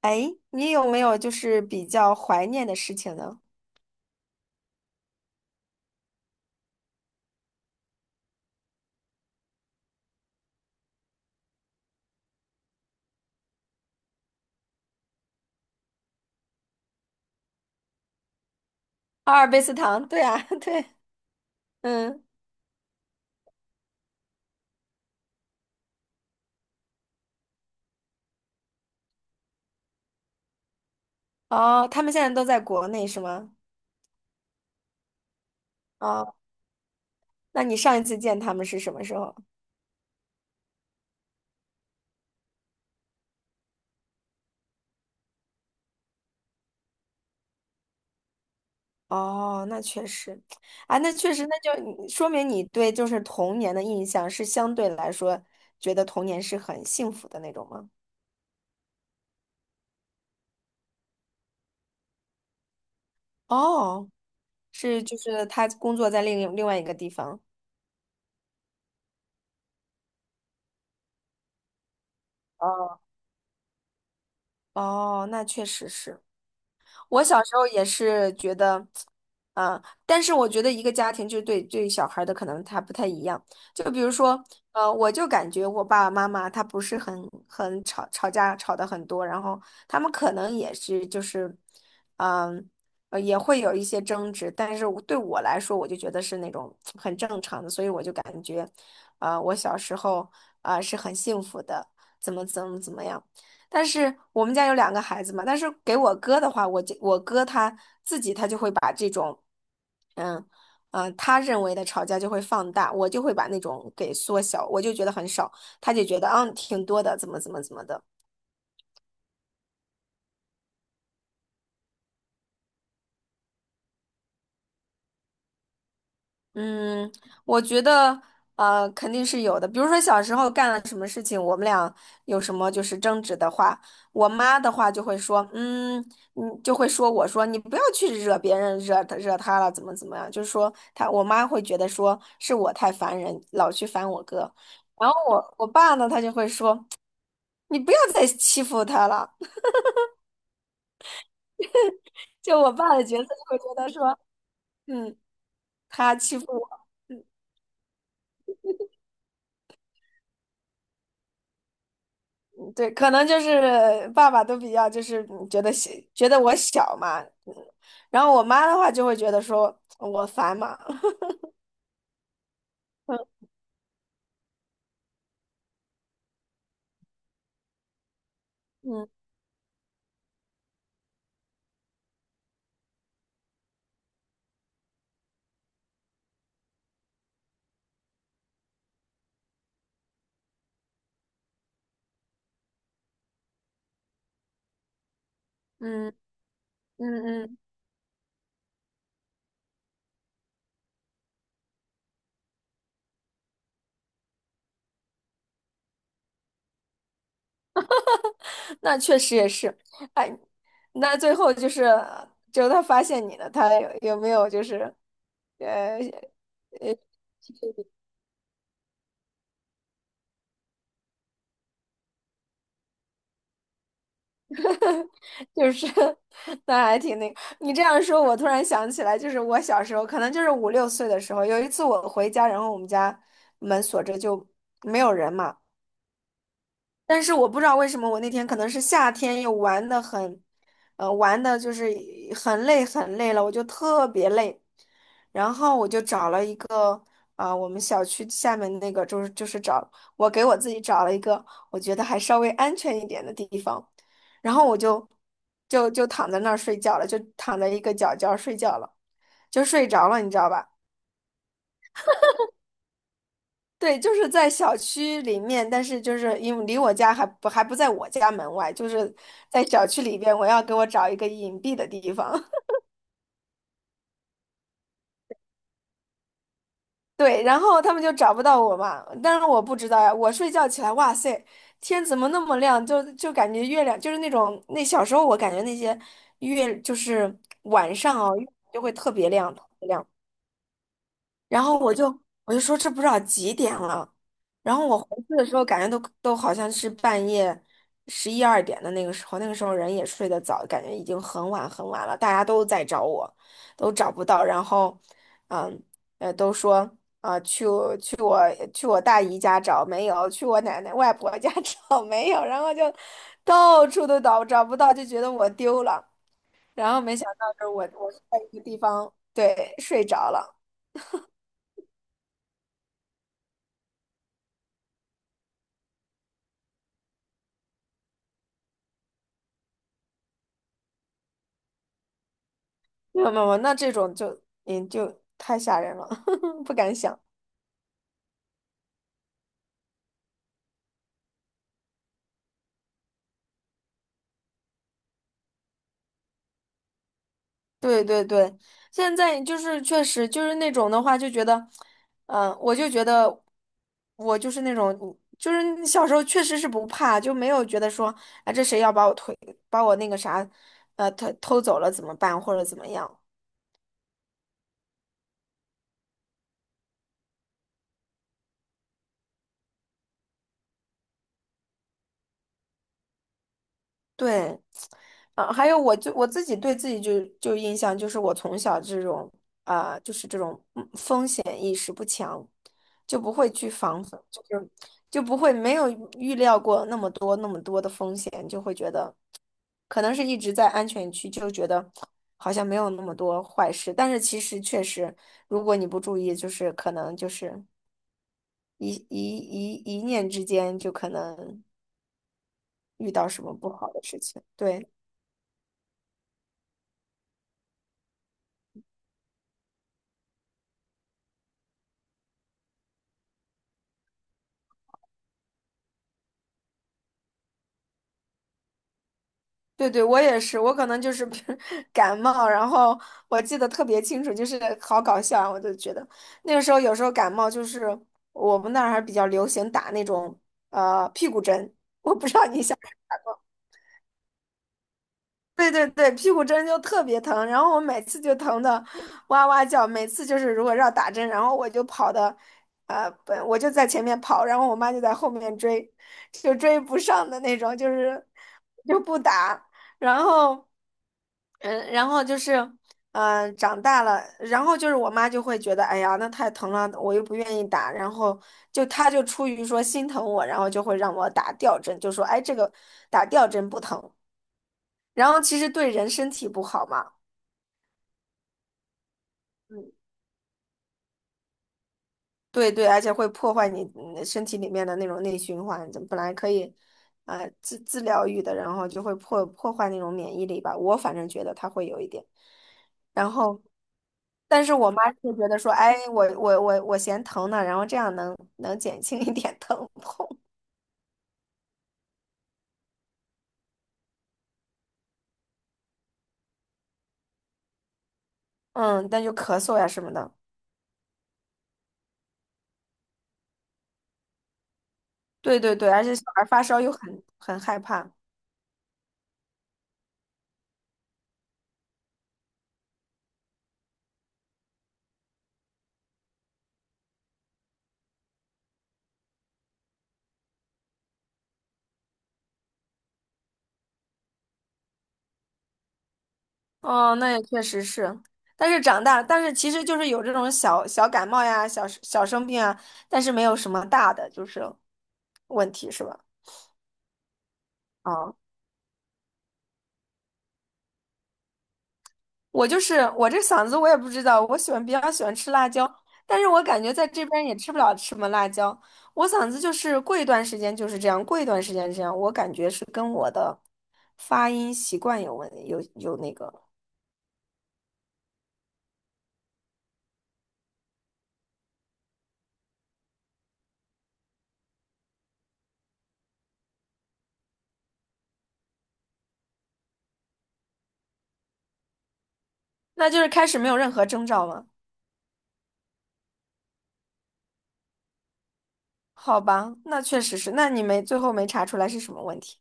哎，你有没有就是比较怀念的事情呢？阿尔卑斯糖，对啊，对，嗯，哦，他们现在都在国内是吗？哦，那你上一次见他们是什么时候？哦，那确实，啊，那确实，那就你说明你对就是童年的印象是相对来说觉得童年是很幸福的那种吗？哦，是就是他工作在另外一个地方。哦，哦，那确实是。我小时候也是觉得，但是我觉得一个家庭就是对小孩儿的可能他不太一样。就比如说，我就感觉我爸爸妈妈他不是很吵架吵得很多，然后他们可能也是就是，嗯、也会有一些争执，但是对我来说，我就觉得是那种很正常的，所以我就感觉，我小时候是很幸福的，怎么样。但是我们家有两个孩子嘛，但是给我哥的话，我哥他自己他就会把这种，嗯他认为的吵架就会放大，我就会把那种给缩小，我就觉得很少，他就觉得挺多的，怎么的。嗯，我觉得肯定是有的。比如说小时候干了什么事情，我们俩有什么就是争执的话，我妈的话就会说，就会说我说你不要去惹别人，惹他了，怎么怎么样，就是说我妈会觉得说是我太烦人，老去烦我哥。然后我爸呢，他就会说你不要再欺负他了。就我爸的角色就会觉得说，嗯，他欺负我。嗯。对，可能就是爸爸都比较就是觉得小，觉得我小嘛，嗯然后我妈的话就会觉得说我烦嘛，嗯嗯嗯嗯，嗯，那确实也是，哎，那最后就是他发现你了，有没有就是呃呃，就是 那还挺那个，你这样说，我突然想起来，就是我小时候可能就是五六岁的时候，有一次我回家，然后我们家门锁着就没有人嘛。但是我不知道为什么我那天可能是夏天又玩的很，玩的就是很累很累了，我就特别累，然后我就找了一个我们小区下面那个就是我给我自己找了一个我觉得还稍微安全一点的地方，然后我就躺在那儿睡觉了，就躺在一个角睡觉了，就睡着了，你知道吧？对，就是在小区里面，但是就是因为离我家还不在我家门外，就是在小区里边，我要给我找一个隐蔽的地方。对，然后他们就找不到我嘛，但是我不知道呀。我睡觉起来，哇塞，天怎么那么亮？就感觉月亮就是那种那小时候我感觉那些月就是晚上哦，就会特别亮。然后我就说这不知道几点了，然后我回去的时候感觉都好像是半夜十一二点的那个时候，那个时候人也睡得早，感觉已经很晚很晚了，大家都在找我，都找不到，然后嗯都说啊、去我去我去我大姨家找没有，去我奶奶外婆家 找没有，然后就到处都找不到，就觉得我丢了，然后没想到就是我是在一个地方对睡着了。没有没有，那这种就就太吓人了，不敢想。对对对，现在就是确实就是那种的话，就觉得，我就觉得我就是那种，就是你小时候确实是不怕，就没有觉得说啊这谁要把我那个啥，偷偷走了怎么办或者怎么样。对，啊，还有我自己对自己就印象就是我从小这种就是这种风险意识不强，就不会去防范，就是就不会没有预料过那么多那么多的风险，就会觉得可能是一直在安全区，就觉得好像没有那么多坏事，但是其实确实，如果你不注意，就是可能就是一念之间就可能遇到什么不好的事情，对。对对，我也是，我可能就是比如 感冒，然后我记得特别清楚，就是好搞笑啊，我就觉得那个时候有时候感冒就是我们那儿还比较流行打那种屁股针，对对对，屁股针就特别疼，然后我每次就疼的哇哇叫，每次就是如果要打针，然后我就跑的，我就在前面跑，然后我妈就在后面追，就追不上的那种，就是就不打，然后，然后就是，长大了，然后就是我妈就会觉得，哎呀，那太疼了，我又不愿意打，然后她就出于说心疼我，然后就会让我打吊针，就说，哎，这个打吊针不疼。然后其实对人身体不好嘛，嗯，对对，而且会破坏你身体里面的那种内循环，就本来可以，自疗愈的，然后就会破坏那种免疫力吧。我反正觉得它会有一点，然后，但是我妈就觉得说，哎，我嫌疼呢，然后这样能减轻一点疼痛，嗯，但就咳嗽呀什么的，对对对，而且小孩发烧又很害怕。哦，那也确实是，但是长大，但是其实就是有这种小小感冒呀、小小生病啊，但是没有什么大的就是问题，是吧？啊，我就是我这嗓子我也不知道，我比较喜欢吃辣椒，但是我感觉在这边也吃不了什么辣椒，我嗓子就是过一段时间就是这样，过一段时间这样，我感觉是跟我的发音习惯有问有有那个，那就是开始没有任何征兆吗？好吧，那确实是，那你没最后没查出来是什么问题。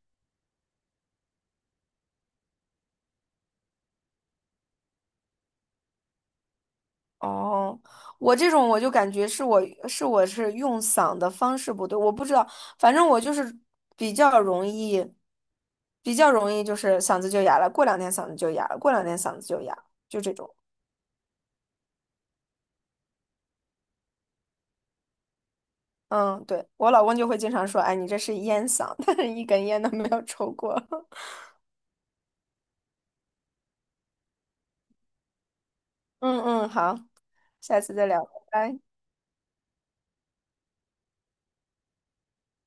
哦，我这种我就感觉是我是我是用嗓的方式不对，我不知道，反正我就是比较容易，比较容易就是嗓子就哑了，过两天嗓子就哑了，过两天嗓子就哑了，就这种。嗯，对，我老公就会经常说，哎，你这是烟嗓，但是一根烟都没有抽过。嗯嗯，好，下次再聊，拜拜。